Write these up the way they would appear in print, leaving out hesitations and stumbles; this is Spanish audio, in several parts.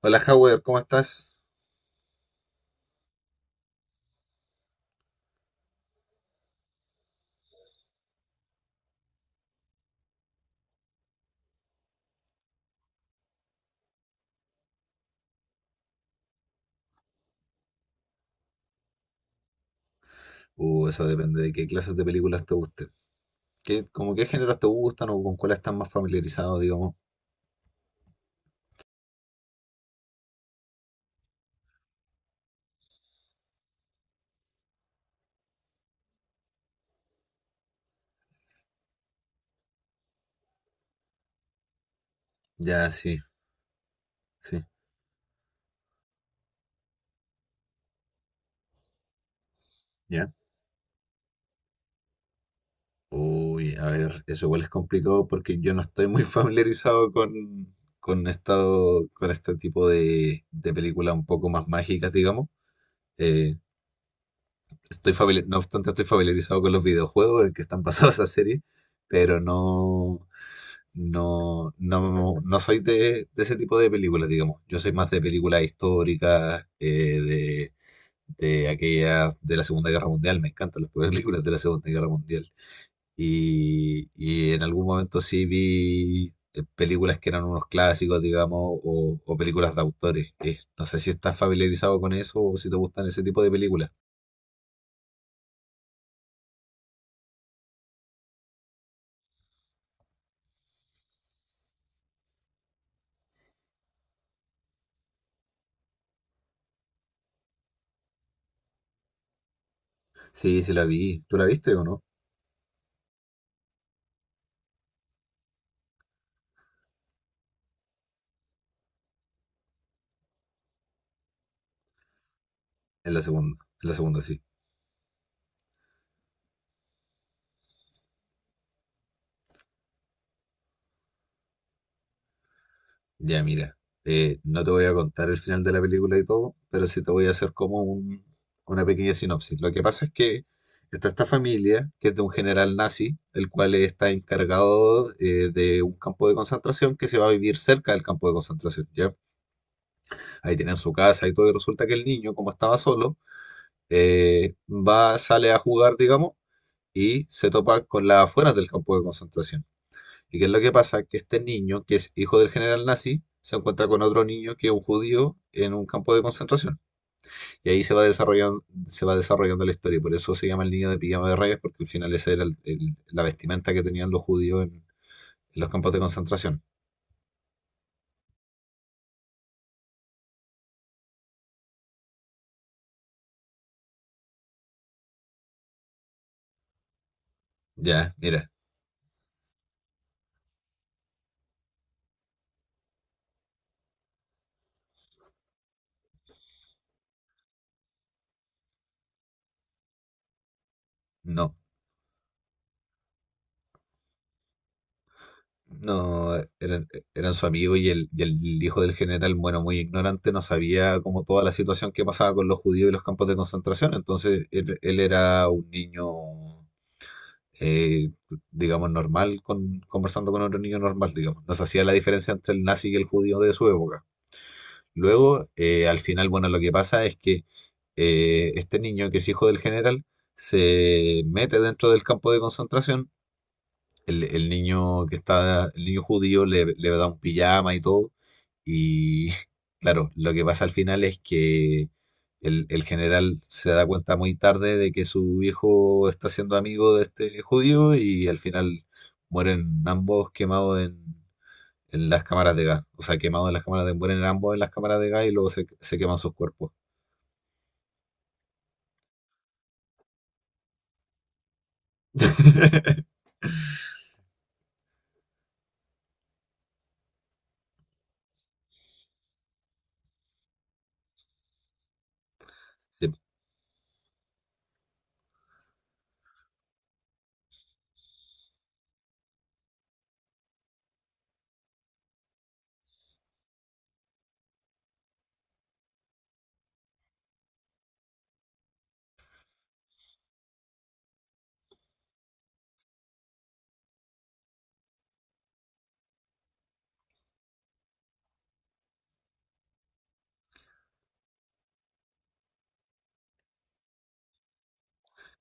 Hola, Howard, ¿cómo estás? Eso depende de qué clases de películas te gusten. ¿Qué, como qué géneros te gustan o con cuáles estás más familiarizado, digamos? Ya, sí, sí, ya. Uy, a ver, eso igual es complicado porque yo no estoy muy familiarizado con esto, con este tipo de películas un poco más mágicas, digamos. Eh, Estoy familiar, no obstante, estoy familiarizado con los videojuegos en que están basadas esa serie, pero no. No, no, no soy de ese tipo de películas, digamos. Yo soy más de películas históricas, de aquellas de la Segunda Guerra Mundial. Me encantan las películas de la Segunda Guerra Mundial. Y en algún momento sí vi películas que eran unos clásicos, digamos, o películas de autores. No sé si estás familiarizado con eso o si te gustan ese tipo de películas. Sí, sí la vi. ¿Tú la viste o no? En la segunda sí. Ya, mira, no te voy a contar el final de la película y todo, pero sí te voy a hacer como una pequeña sinopsis. Lo que pasa es que está esta familia, que es de un general nazi, el cual está encargado de un campo de concentración, que se va a vivir cerca del campo de concentración, ¿ya? Ahí tienen su casa y todo, y resulta que el niño, como estaba solo, va, sale a jugar, digamos, y se topa con las afueras del campo de concentración. ¿Y qué es lo que pasa? Que este niño, que es hijo del general nazi, se encuentra con otro niño que es un judío en un campo de concentración. Y ahí se va desarrollando la historia. Y por eso se llama el niño de pijama de rayas, porque al final esa era la vestimenta que tenían los judíos en los campos de concentración. Ya, mira, no. No, eran, eran su amigo y el hijo del general, bueno, muy ignorante, no sabía como toda la situación que pasaba con los judíos y los campos de concentración. Entonces él era un niño eh, digamos, normal, con, conversando con otro niño normal, digamos. Nos hacía la diferencia entre el nazi y el judío de su época. Luego, al final, bueno, lo que pasa es que este niño, que es hijo del general, se mete dentro del campo de concentración. El niño que está, el niño judío le, le da un pijama y todo. Y claro, lo que pasa al final es que el general se da cuenta muy tarde de que su hijo está siendo amigo de este judío, y al final mueren ambos quemados en las cámaras de gas. O sea, quemados en las cámaras de, mueren ambos en las cámaras de gas y luego se, se queman sus cuerpos. Sí,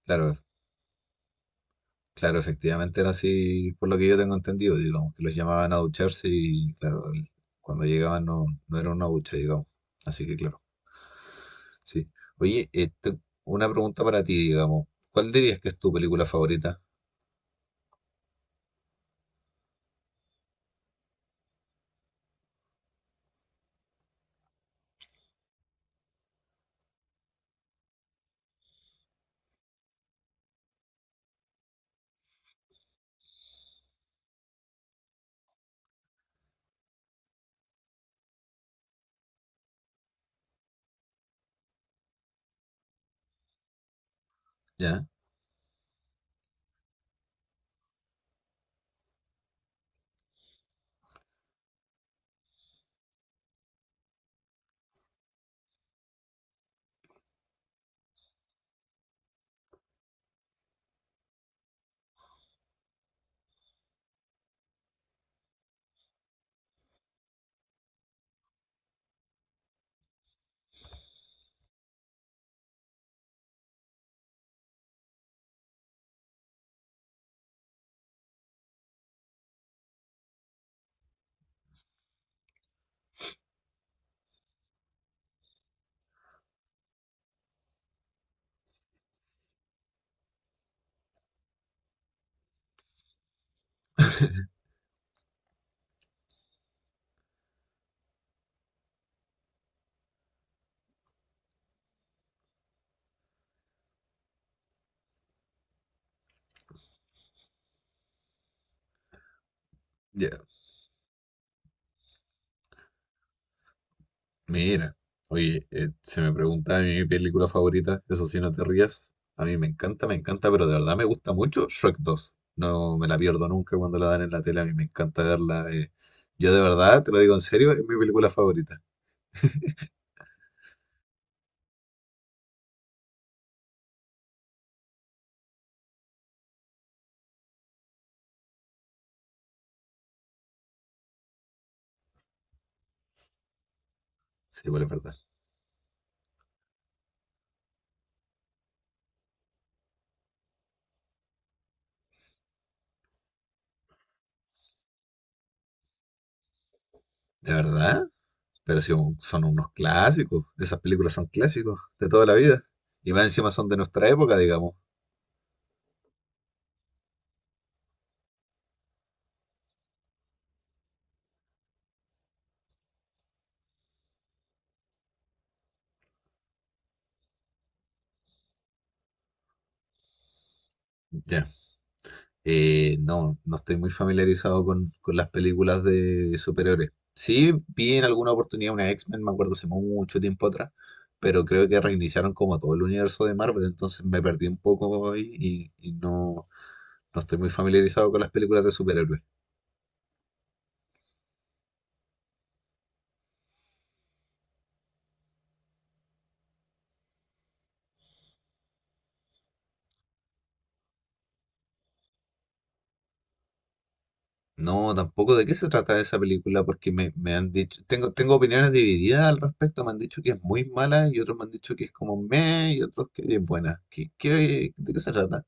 claro, claro, efectivamente era así, por lo que yo tengo entendido, digamos, que los llamaban a ducharse y, claro, cuando llegaban no, no era una ducha, digamos. Así que, claro, sí. Oye, una pregunta para ti, digamos. ¿Cuál dirías que es tu película favorita? ¿Ya? Ya. Mira, oye, se me pregunta a mí mi película favorita, eso sí, no te rías. A mí me encanta, pero de verdad me gusta mucho Shrek 2. No me la pierdo nunca cuando la dan en la tele, a mí me encanta verla. Yo de verdad, te lo digo en serio, es mi película favorita. Sí, igual es verdad. ¿De verdad? Pero sí, son unos clásicos. Esas películas son clásicos de toda la vida. Y más encima son de nuestra época, digamos. Ya. No, no estoy muy familiarizado con las películas de superhéroes. Sí, vi en alguna oportunidad una X-Men, me acuerdo hace mucho tiempo atrás, pero creo que reiniciaron como todo el universo de Marvel, entonces me perdí un poco ahí y no, no estoy muy familiarizado con las películas de superhéroes. No, tampoco de qué se trata esa película, porque me han dicho, tengo, tengo opiniones divididas al respecto, me han dicho que es muy mala y otros me han dicho que es como meh y otros que es buena. ¿Qué, de qué se trata?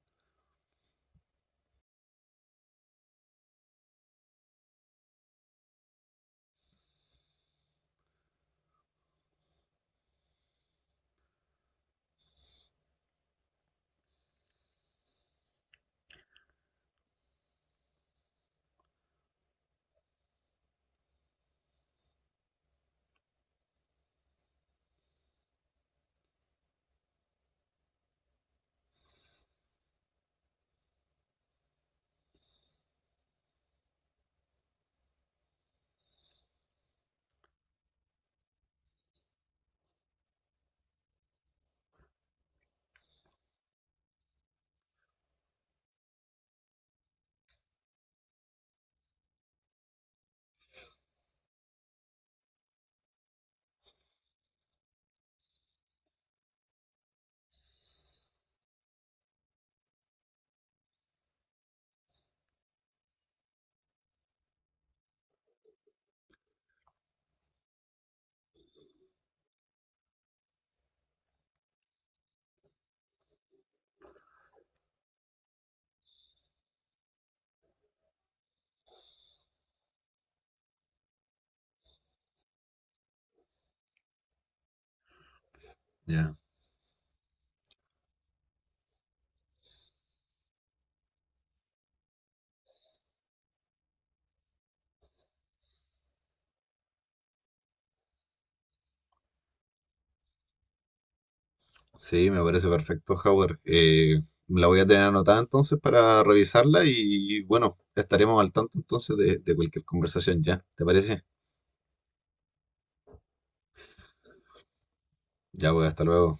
Ya, sí, me parece perfecto, Howard. La voy a tener anotada entonces para revisarla y bueno, estaremos al tanto entonces de cualquier conversación ya, ¿te parece? Ya, pues, hasta luego.